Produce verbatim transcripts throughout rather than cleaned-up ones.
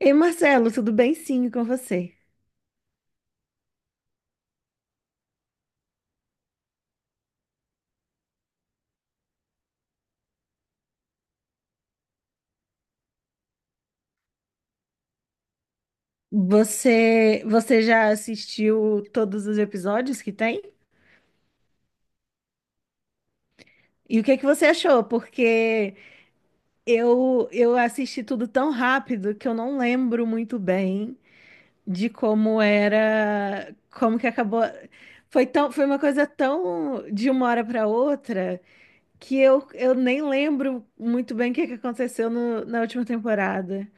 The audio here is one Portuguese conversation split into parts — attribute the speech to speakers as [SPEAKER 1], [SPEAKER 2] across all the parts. [SPEAKER 1] Ei, Marcelo, tudo bem? Sim, com você. Você, você já assistiu todos os episódios que tem? E o que é que você achou? Porque eu eu assisti tudo tão rápido que eu não lembro muito bem de como era, como que acabou. Foi tão, foi uma coisa tão de uma hora para outra que eu, eu nem lembro muito bem o que é que aconteceu no- na última temporada.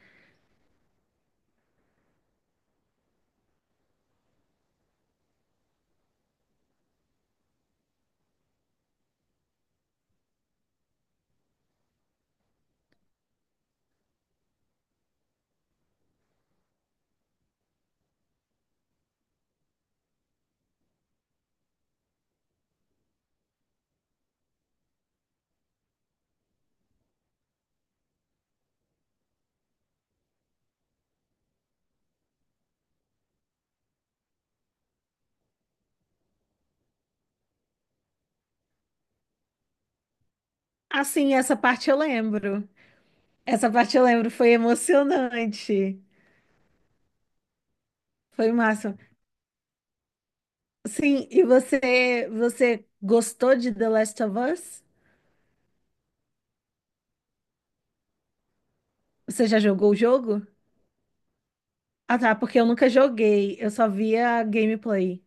[SPEAKER 1] Assim, essa parte eu lembro. Essa parte eu lembro, foi emocionante. Foi o máximo. Sim, e você, você gostou de The Last of Us? Você já jogou o jogo? Ah, tá, porque eu nunca joguei, eu só via gameplay.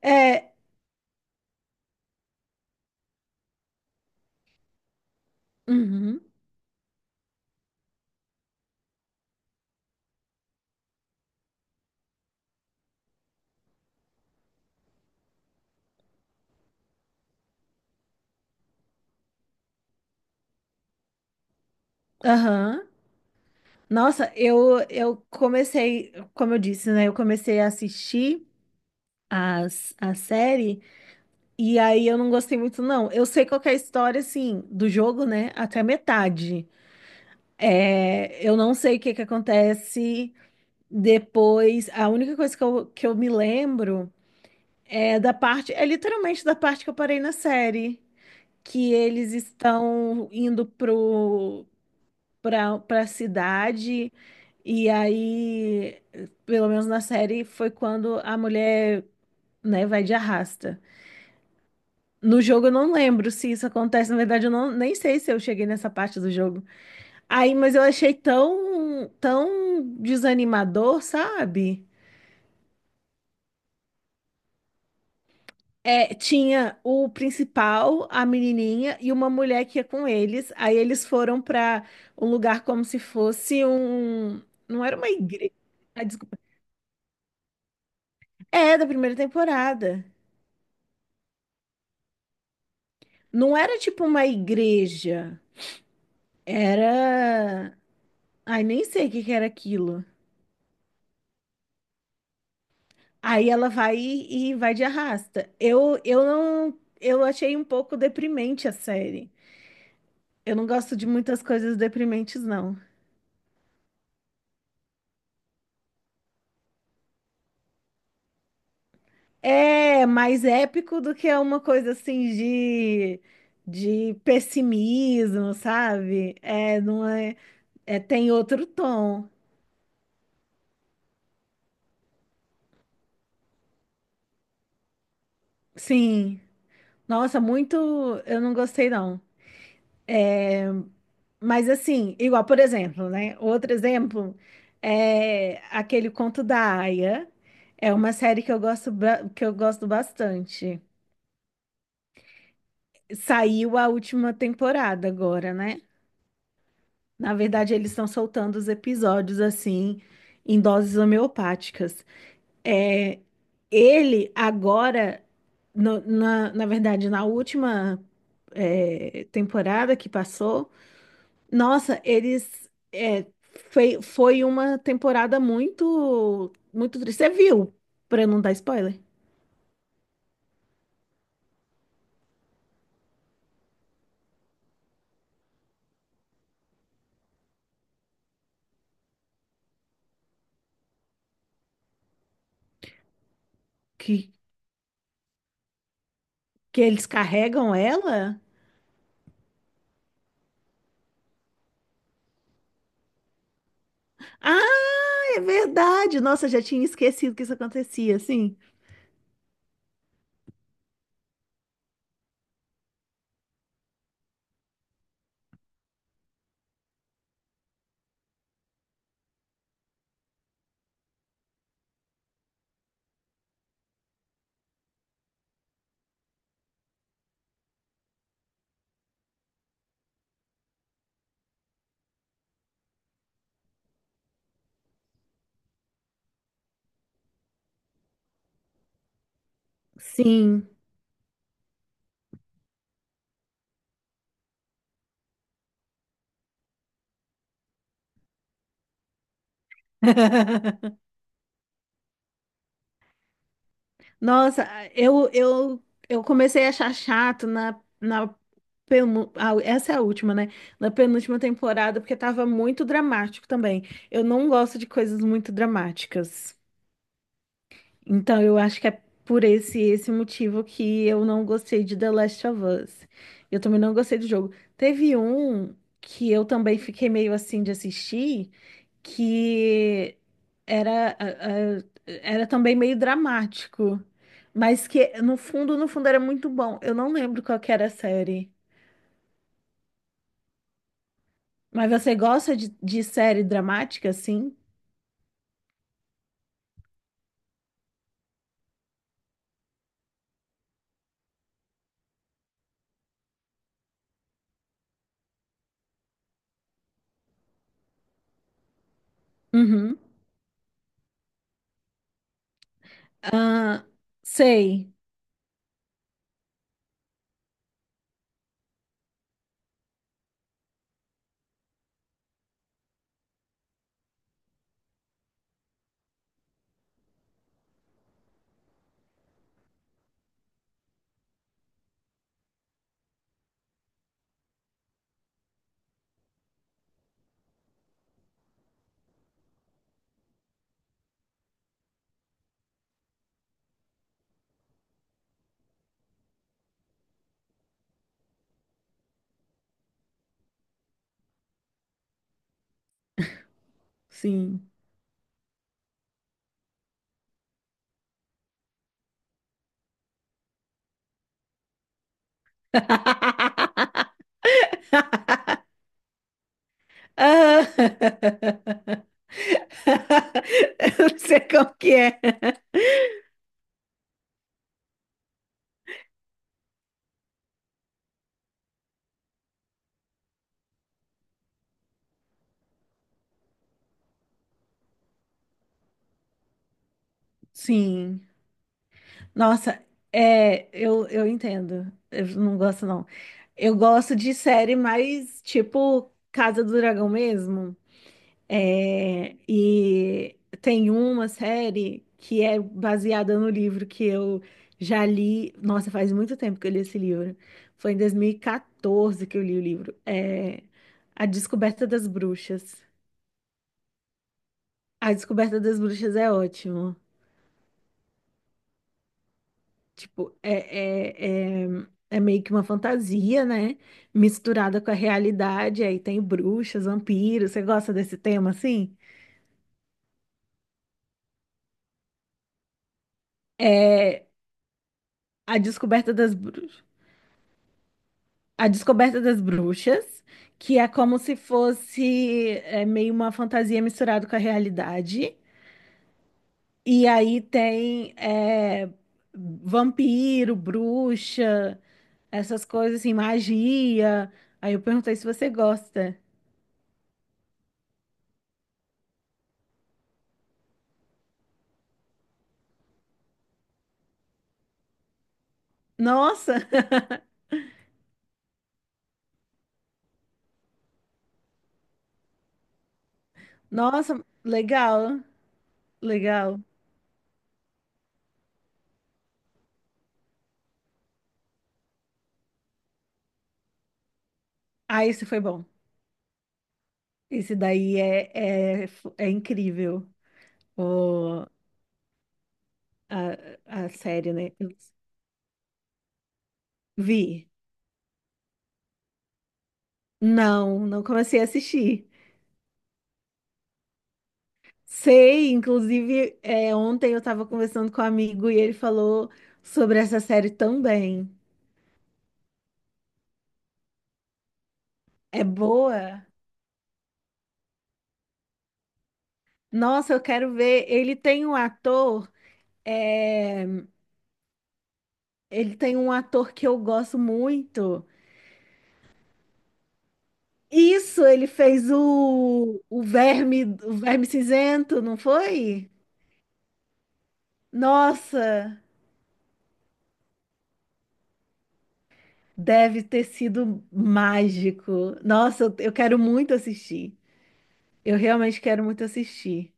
[SPEAKER 1] É, uhum, aham. Nossa, eu, eu comecei, como eu disse, né? Eu comecei a assistir as, a série e aí eu não gostei muito, não. Eu sei qual que é a história, assim, do jogo, né? Até a metade. É, eu não sei o que que acontece depois. A única coisa que eu, que eu me lembro é da parte, é literalmente da parte que eu parei na série, que eles estão indo pro, pra, pra cidade, e aí, pelo menos na série, foi quando a mulher, né, vai de arrasta. No jogo eu não lembro se isso acontece, na verdade eu não, nem sei se eu cheguei nessa parte do jogo. Aí, mas eu achei tão, tão desanimador, sabe? É, tinha o principal, a menininha e uma mulher que ia com eles. Aí eles foram para um lugar como se fosse um. Não era uma igreja. Ah, desculpa. É, da primeira temporada. Não era tipo uma igreja. Era. Ai, nem sei o que que era aquilo. Aí ela vai e e vai de arrasta. Eu, eu não. Eu achei um pouco deprimente a série. Eu não gosto de muitas coisas deprimentes, não. É mais épico do que é uma coisa assim de, de pessimismo, sabe? É, não é, é, tem outro tom. Sim. Nossa, muito eu não gostei, não. Mas assim, igual, por exemplo, né? Outro exemplo é aquele Conto da Aia. É uma série que eu gosto, ba- que eu gosto bastante. Saiu a última temporada agora, né? Na verdade, eles estão soltando os episódios assim, em doses homeopáticas. É, ele agora, no- na, na verdade, na última é, temporada que passou, nossa, eles é, foi, foi uma temporada muito, muito triste. Você viu, para não dar spoiler, que, que eles carregam ela? Ah, é verdade! Nossa, já tinha esquecido que isso acontecia, sim. Sim. Nossa, eu, eu, eu comecei a achar chato na, na penu- ah, essa é a última, né? Na penúltima temporada, porque tava muito dramático também. Eu não gosto de coisas muito dramáticas. Então eu acho que é por esse esse motivo que eu não gostei de The Last of Us. Eu também não gostei do jogo. Teve um que eu também fiquei meio assim de assistir que era, a- a- era também meio dramático, mas que no fundo, no fundo era muito bom. Eu não lembro qual que era a série. Mas você gosta de, de série dramática, assim? Uhum. Ah, sei, sim. Ah, Eu não sei qual que é. Sim. Nossa, é, eu, eu entendo. Eu não gosto, não. Eu gosto de série mais tipo Casa do Dragão mesmo. É, e tem uma série que é baseada no livro que eu já li. Nossa, faz muito tempo que eu li esse livro. Foi em dois mil e quatorze que eu li o livro. É A Descoberta das Bruxas. A Descoberta das Bruxas é ótimo. Tipo, é, é, é, é meio que uma fantasia, né? Misturada com a realidade. Aí tem bruxas, vampiros. Você gosta desse tema, assim? É A descoberta das bruxas. A descoberta das bruxas, que é como se fosse é, meio uma fantasia misturada com a realidade. E aí tem é, vampiro, bruxa, essas coisas assim, magia. Aí eu perguntei se você gosta. Nossa! Nossa, legal, legal. Ah, esse foi bom. Esse daí é, é, é incrível, o, a, a série, né? Eu vi. Não, não comecei a assistir. Sei, inclusive, é, ontem eu estava conversando com um amigo e ele falou sobre essa série também. É boa? Nossa, eu quero ver. Ele tem um ator, é, ele tem um ator que eu gosto muito. Isso, ele fez o, o verme, o verme cinzento, não foi? Nossa, deve ter sido mágico. Nossa, eu eu quero muito assistir. Eu realmente quero muito assistir.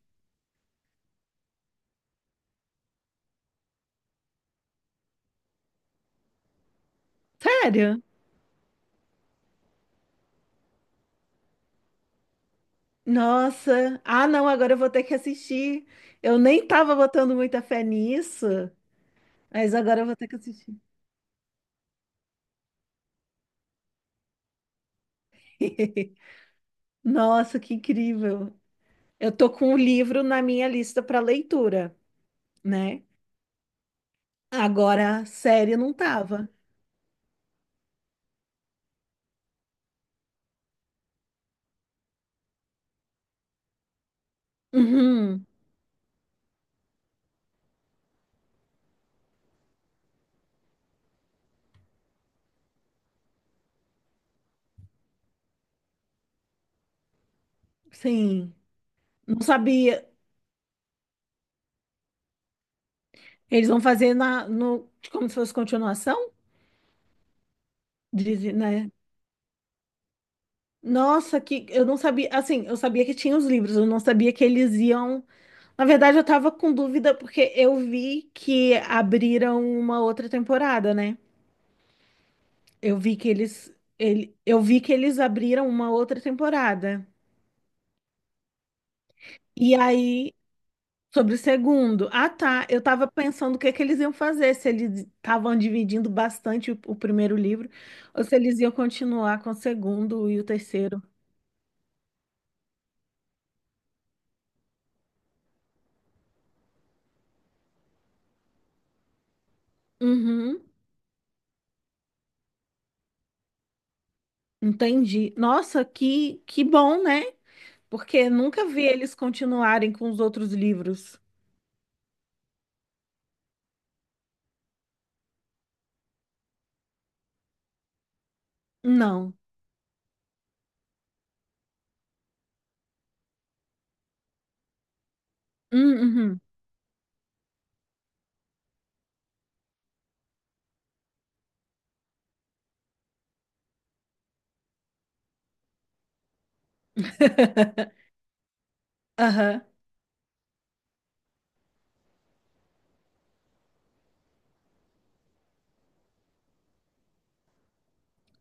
[SPEAKER 1] Sério? Nossa. Ah, não, agora eu vou ter que assistir. Eu nem tava botando muita fé nisso, mas agora eu vou ter que assistir. Nossa, que incrível. Eu tô com o livro na minha lista para leitura, né? Agora, série não tava. Uhum, sim. Não sabia. Eles vão fazer na, no, como se fosse continuação? Diz, né? Nossa, que eu não sabia. Assim, eu sabia que tinha os livros, eu não sabia que eles iam. Na verdade, eu tava com dúvida porque eu vi que abriram uma outra temporada, né? Eu vi que eles, ele, eu vi que eles abriram uma outra temporada. E aí sobre o segundo. Ah, tá. Eu estava pensando o que é que eles iam fazer, se eles estavam dividindo bastante o, o primeiro livro, ou se eles iam continuar com o segundo e o terceiro. Uhum, entendi. Nossa, que, que bom, né? Porque nunca vi eles continuarem com os outros livros. Não. Hum, uhum. Aham,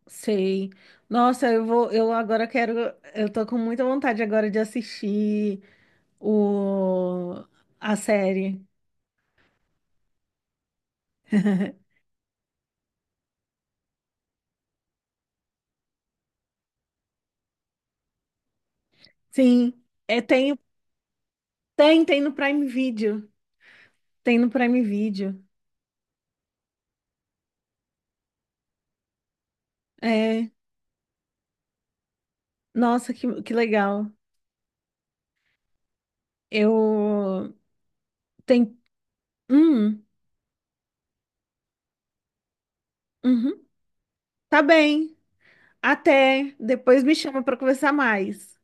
[SPEAKER 1] sei. Nossa, eu vou, eu agora quero, eu tô com muita vontade agora de assistir o, a série. Sim, é, tem, tem, tem no Prime Video. Tem no Prime Video. É, nossa, que, que legal. Eu Tem, hum, uhum, tá bem. Até depois me chama para conversar mais.